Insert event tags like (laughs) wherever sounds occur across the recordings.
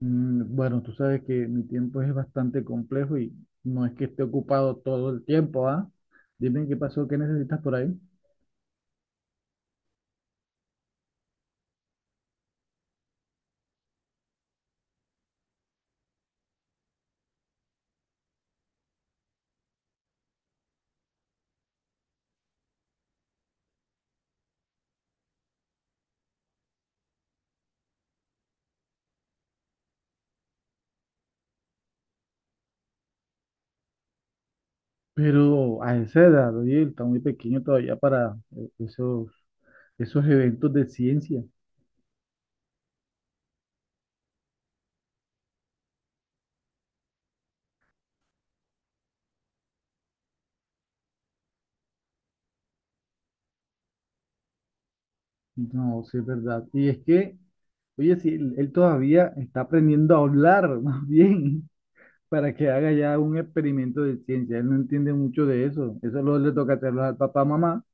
Bueno, tú sabes que mi tiempo es bastante complejo y no es que esté ocupado todo el tiempo, ¿ah? Dime qué pasó, qué necesitas por ahí. Pero a esa edad, oye, está muy pequeño todavía para esos eventos de ciencia. No, sí es verdad. Y es que, oye, si él todavía está aprendiendo a hablar, (laughs) más bien, para que haga ya un experimento de ciencia. Él no entiende mucho de eso. Eso lo le toca hacerlo al papá, mamá.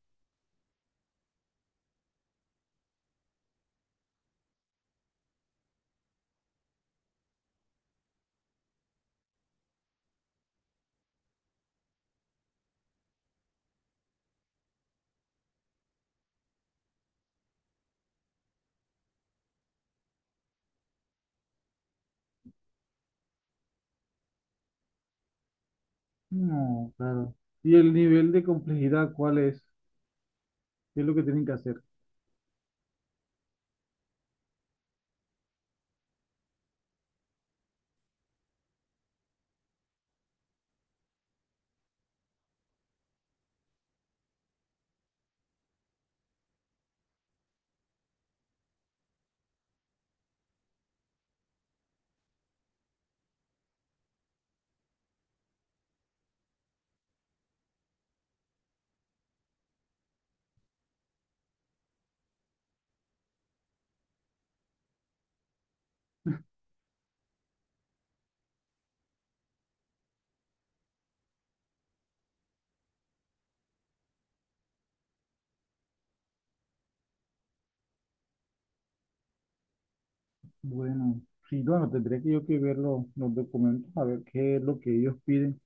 No, claro. ¿Y el nivel de complejidad cuál es? ¿Qué es lo que tienen que hacer? Bueno, sí, bueno, tendría que yo que ver los documentos a ver qué es lo que ellos piden,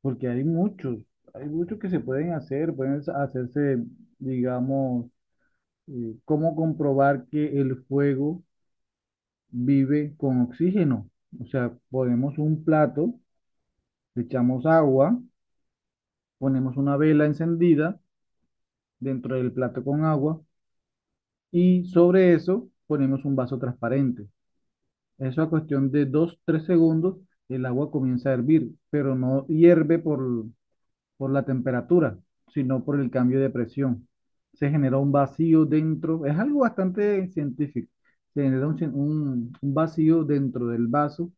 porque hay muchos que se pueden hacer, pueden hacerse, digamos, cómo comprobar que el fuego vive con oxígeno. O sea, ponemos un plato, le echamos agua, ponemos una vela encendida dentro del plato con agua. Y sobre eso ponemos un vaso transparente. Eso a cuestión de dos tres segundos, el agua comienza a hervir, pero no hierve por la temperatura, sino por el cambio de presión. Se genera un vacío dentro, es algo bastante científico. Se genera un vacío dentro del vaso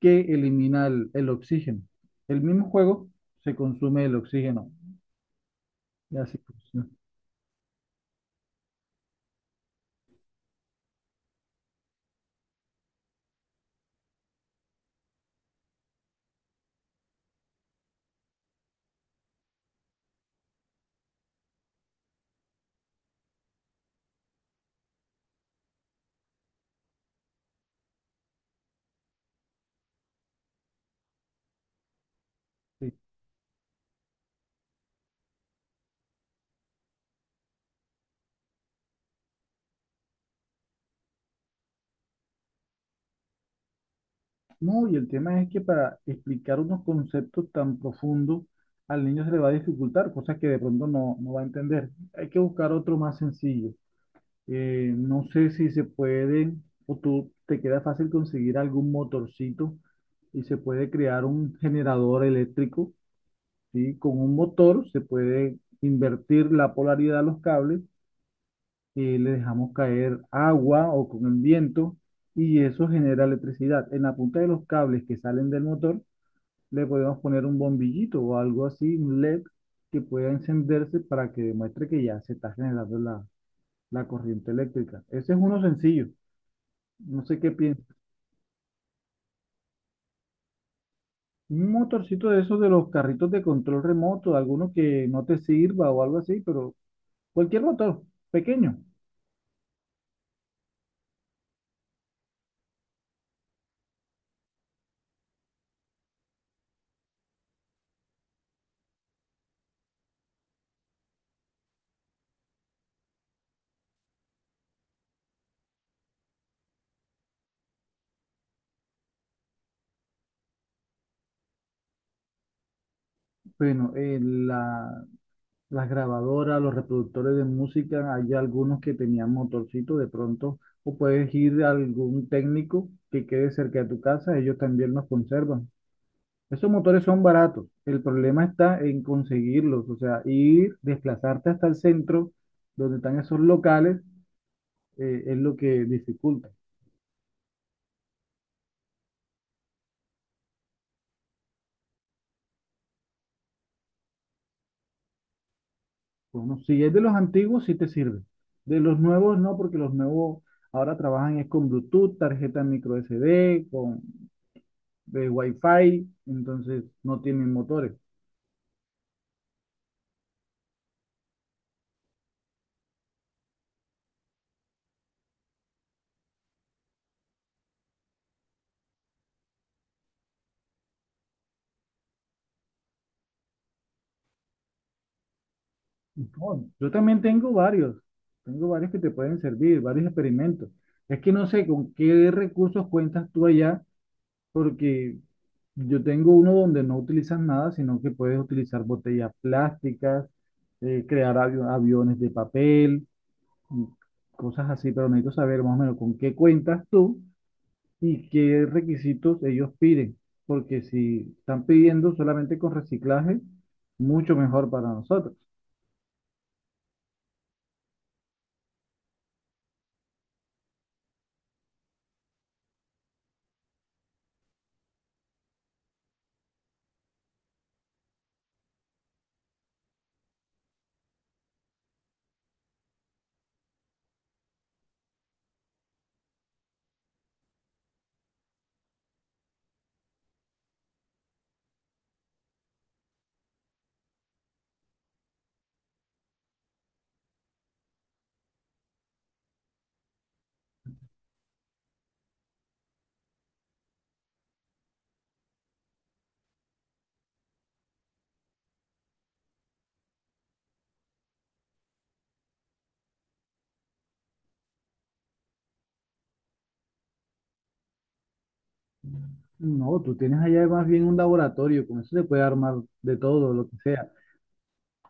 que elimina el oxígeno. El mismo juego se consume el oxígeno. Y así funciona. Sí. No, y el tema es que para explicar unos conceptos tan profundos al niño se le va a dificultar, cosas que de pronto no va a entender. Hay que buscar otro más sencillo. No sé si se puede o tú te queda fácil conseguir algún motorcito y se puede crear un generador eléctrico, ¿sí? Con un motor se puede invertir la polaridad a los cables, le dejamos caer agua o con el viento y eso genera electricidad. En la punta de los cables que salen del motor le podemos poner un bombillito o algo así, un LED que pueda encenderse para que demuestre que ya se está generando la corriente eléctrica. Ese es uno sencillo. No sé qué piensas. Un motorcito de esos de los carritos de control remoto, alguno que no te sirva o algo así, pero cualquier motor pequeño. Bueno, las grabadoras, los reproductores de música, hay algunos que tenían motorcito de pronto, o puedes ir a algún técnico que quede cerca de tu casa, ellos también los conservan. Esos motores son baratos. El problema está en conseguirlos, o sea, ir, desplazarte hasta el centro donde están esos locales, es lo que dificulta. Bueno, si es de los antiguos, sí te sirve. De los nuevos, no, porque los nuevos ahora trabajan es con Bluetooth, tarjeta micro SD, con Wi-Fi, entonces no tienen motores. No, yo también tengo varios que te pueden servir, varios experimentos. Es que no sé con qué recursos cuentas tú allá porque yo tengo uno donde no utilizas nada, sino que puedes utilizar botellas plásticas, aviones de papel, y cosas así, pero necesito saber más o menos con qué cuentas tú y qué requisitos ellos piden, porque si están pidiendo solamente con reciclaje, mucho mejor para nosotros. No, tú tienes allá más bien un laboratorio, con eso se puede armar de todo, lo que sea.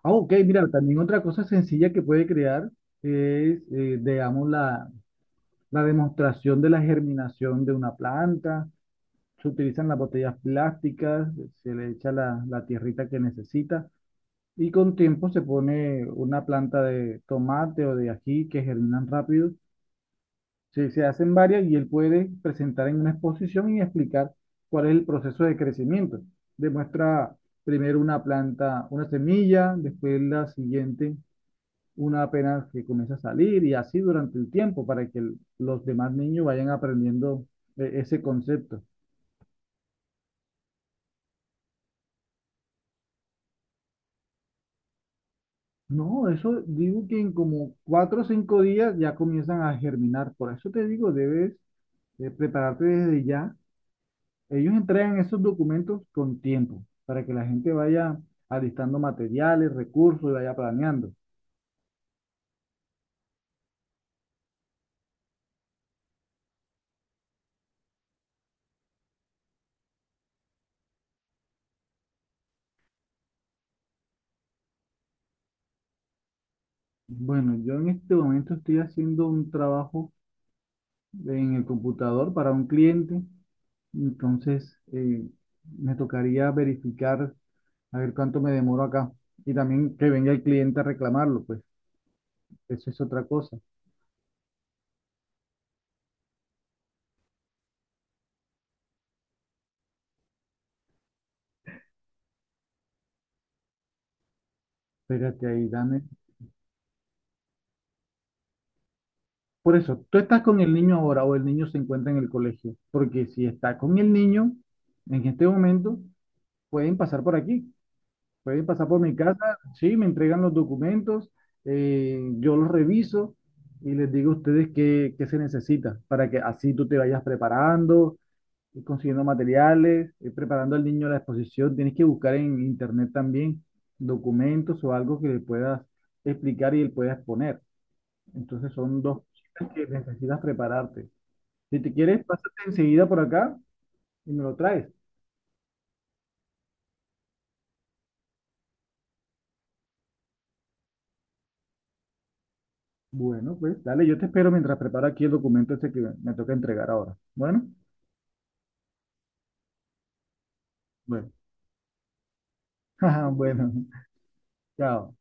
Ah, ok, mira, también otra cosa sencilla que puede crear es, la demostración de la germinación de una planta. Se utilizan las botellas plásticas, se le echa la tierrita que necesita y con tiempo se pone una planta de tomate o de ají que germinan rápido. Se hacen varias y él puede presentar en una exposición y explicar cuál es el proceso de crecimiento. Demuestra primero una planta, una semilla, después la siguiente una apenas que comienza a salir y así durante el tiempo para que los demás niños vayan aprendiendo ese concepto. No, eso digo que en como cuatro o cinco días ya comienzan a germinar. Por eso te digo, debes prepararte desde ya. Ellos entregan esos documentos con tiempo para que la gente vaya alistando materiales, recursos y vaya planeando. Bueno, yo en este momento estoy haciendo un trabajo en el computador para un cliente. Entonces, me tocaría verificar a ver cuánto me demoro acá. Y también que venga el cliente a reclamarlo, pues eso es otra cosa. Espérate ahí, dame. Por eso, tú estás con el niño ahora o el niño se encuentra en el colegio. Porque si está con el niño en este momento, pueden pasar por aquí. Pueden pasar por mi casa, sí, me entregan los documentos, yo los reviso y les digo a ustedes qué se necesita para que así tú te vayas preparando, ir consiguiendo materiales, ir preparando al niño la exposición. Tienes que buscar en internet también documentos o algo que le puedas explicar y él pueda exponer. Entonces son dos cosas que necesitas prepararte. Si te quieres, pásate enseguida por acá y me lo traes. Bueno, pues dale, yo te espero mientras preparo aquí el documento este que me toca entregar ahora. Bueno, bueno, (laughs) bueno, chao.